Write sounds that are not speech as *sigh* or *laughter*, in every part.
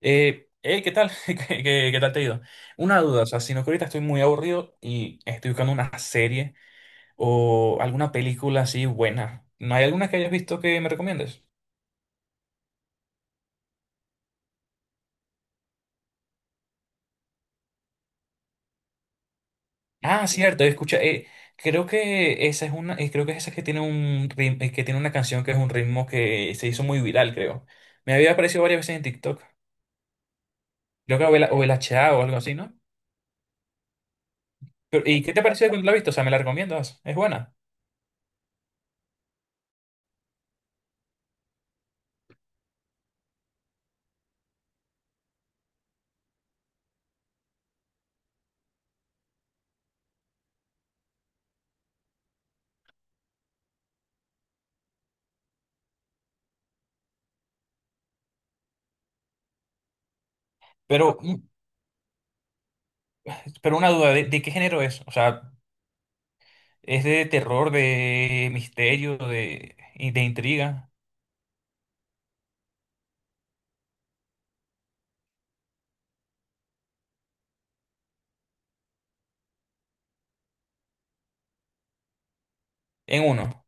Hey, ¿qué tal? *laughs* ¿Qué tal te ha ido? Una duda, o sea, sino que ahorita estoy muy aburrido y estoy buscando una serie o alguna película así buena. ¿No hay alguna que hayas visto que me recomiendes? Ah, cierto, escucha, creo que esa es una, creo que es esa que tiene un ritmo, que tiene una canción que es un ritmo que se hizo muy viral, creo. Me había aparecido varias veces en TikTok. Creo que o el HA o algo así, ¿no? Pero, ¿y qué te pareció cuando la viste? O sea, ¿me la recomiendas? Es buena. Pero, mm, pero una duda, ¿ de qué género es? O sea, es de terror, de misterio, y de intriga. En uno.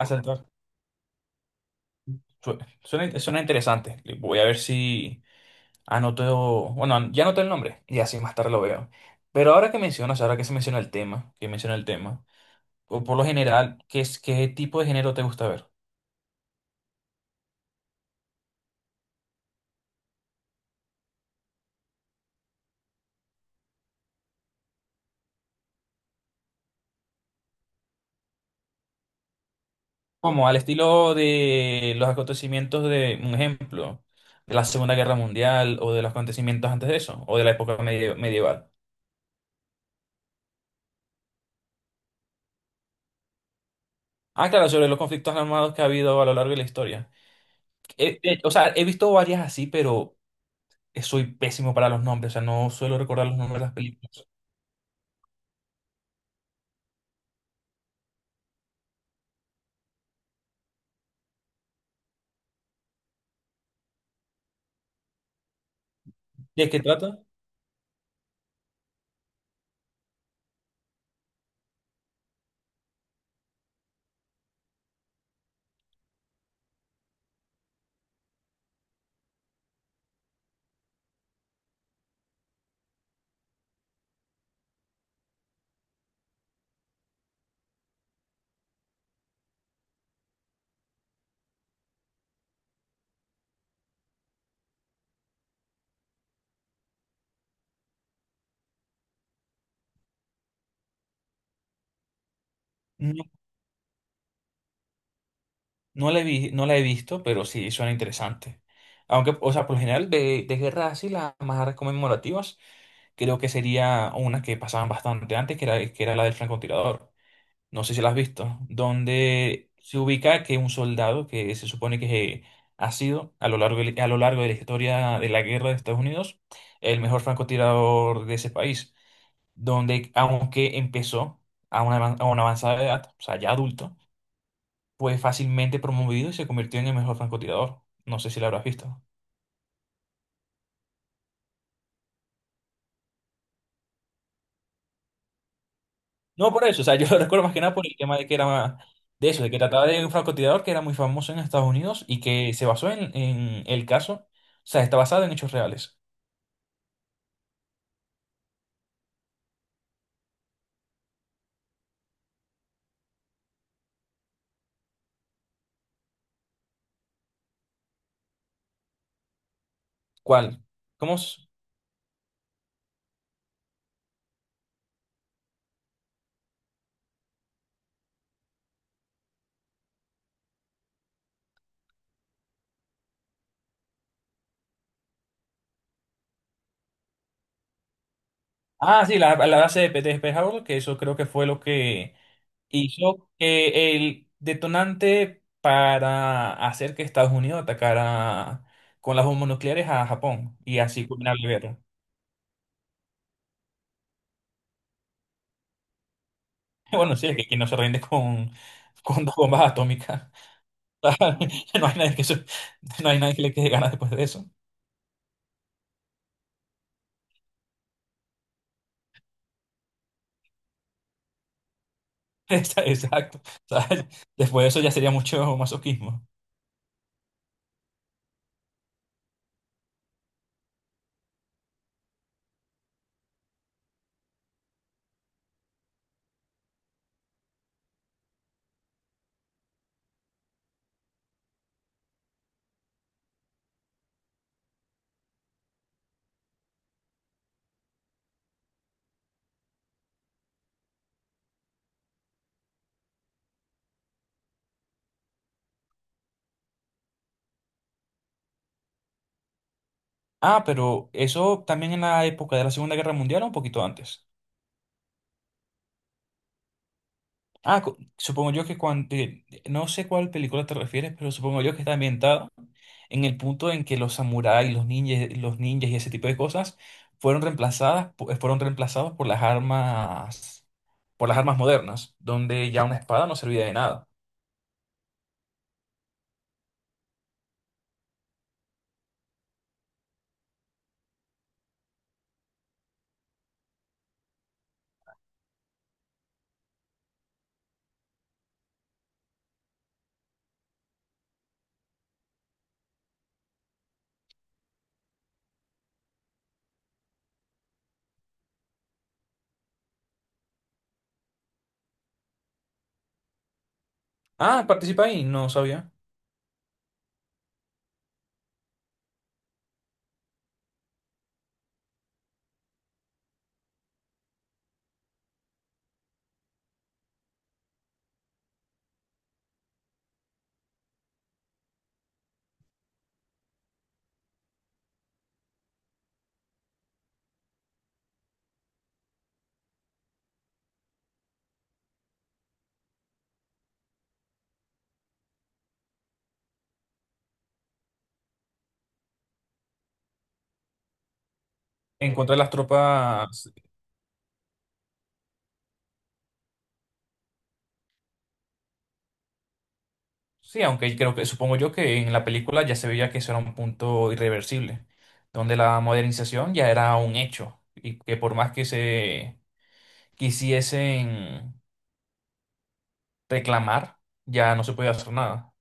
A Suena, suena interesante. Voy a ver si anoto. Bueno, ya anoté el nombre y así más tarde lo veo. Pero ahora que mencionas, ahora que se menciona el tema, Que menciona el tema, o por lo general, ¿qué tipo de género te gusta ver? Como al estilo de los acontecimientos de, un ejemplo, de la Segunda Guerra Mundial o de los acontecimientos antes de eso, o de la época medieval. Ah, claro, sobre los conflictos armados que ha habido a lo largo de la historia. O sea, he visto varias así, pero soy pésimo para los nombres, o sea, no suelo recordar los nombres de las películas. ¿De qué trata? No, no la he visto, pero sí suena interesante. Aunque, o sea, por lo general, de guerras así, las más conmemorativas, creo que sería una que pasaban bastante antes, que era la del francotirador. No sé si la has visto, donde se ubica que un soldado que se supone que ha sido a lo largo de la historia de la guerra de Estados Unidos el mejor francotirador de ese país, donde aunque empezó a una avanzada edad, o sea, ya adulto, fue fácilmente promovido y se convirtió en el mejor francotirador. No sé si lo habrás visto. No por eso, o sea, *laughs* yo lo recuerdo más que nada por el tema de que era de eso, de que trataba de un francotirador que era muy famoso en Estados Unidos y que se basó en el caso, o sea, está basado en hechos reales. ¿Cuál? ¿Cómo? S- Ah, sí, la base de Peter Pearl Harbor, que eso creo que fue lo que hizo el detonante para hacer que Estados Unidos atacara con las bombas nucleares a Japón y así culminar la guerra. *laughs* Bueno, sí, es que aquí no se rinde con dos bombas atómicas. Claro, *laughs* no hay nadie que, eso- no hay nadie que le quede ganas después de eso. *laughs* Esa- Exacto. ¿Sabes? Después de eso ya sería mucho masoquismo. Ah, pero eso también en la época de la Segunda Guerra Mundial o un poquito antes. Ah, cu- supongo yo que cuando... No sé cuál película te refieres, pero supongo yo que está ambientada en el punto en que los samuráis, los ninjas y ese tipo de cosas fueron reemplazados por las armas modernas, donde ya una espada no servía de nada. Ah, participa ahí, no sabía. En contra de las tropas, sí, aunque creo que, supongo yo que en la película ya se veía que eso era un punto irreversible, donde la modernización ya era un hecho y que por más que se quisiesen reclamar, ya no se podía hacer nada.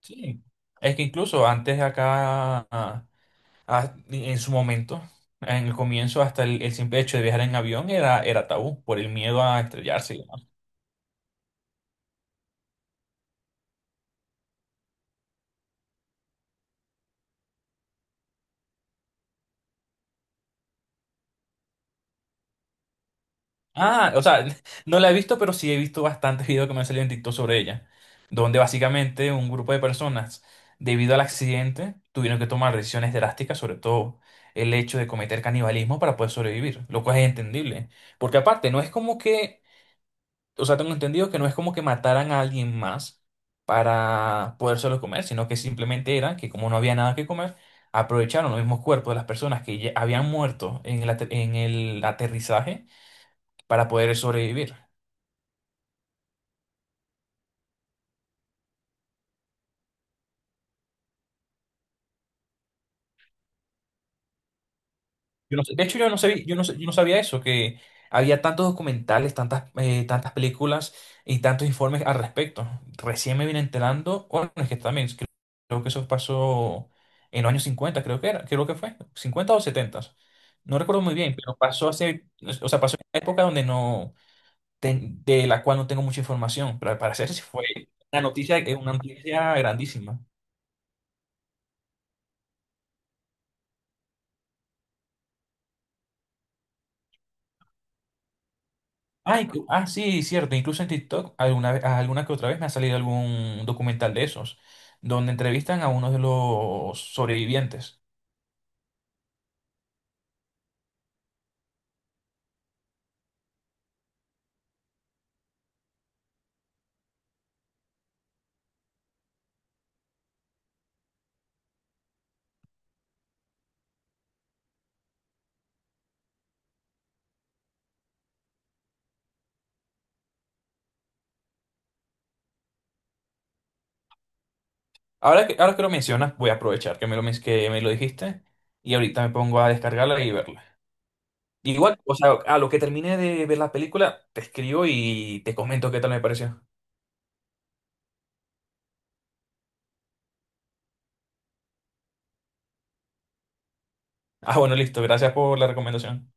Sí, es que incluso antes acá, en su momento, en el comienzo, hasta el simple hecho de viajar en avión era tabú por el miedo a estrellarse. Ah, o sea, *laughs* no la he visto, pero sí he visto bastantes videos que me han salido en TikTok sobre ella, donde básicamente un grupo de personas, debido al accidente, tuvieron que tomar decisiones drásticas, sobre todo el hecho de cometer canibalismo para poder sobrevivir, lo cual es entendible, porque aparte no es como que, o sea, tengo entendido que no es como que mataran a alguien más para podérselo comer, sino que simplemente era que como no había nada que comer, aprovecharon los mismos cuerpos de las personas que ya habían muerto en el en el aterrizaje para poder sobrevivir. Yo no sé- De hecho, yo no sabía, yo no sabía eso, que había tantos documentales, tantas películas y tantos informes al respecto. Recién me vine enterando, bueno, es que también creo, creo que eso pasó en los años 50, creo que era, creo que fue, 50 o 70. No recuerdo muy bien, pero pasó hace, o sea, pasó en una época donde no, ten- de la cual no tengo mucha información, pero al parecer sí fue una noticia grandísima. Ah, inclu- ah, sí, cierto. Incluso en TikTok alguna vez, alguna que otra vez me ha salido algún documental de esos, donde entrevistan a uno de los sobrevivientes. Ahora que lo mencionas, voy a aprovechar que me lo, que me lo dijiste y ahorita me pongo a descargarla y verla. Igual, o sea, a lo que termine de ver la película, te escribo y te comento qué tal me pareció. Ah, bueno, listo. Gracias por la recomendación.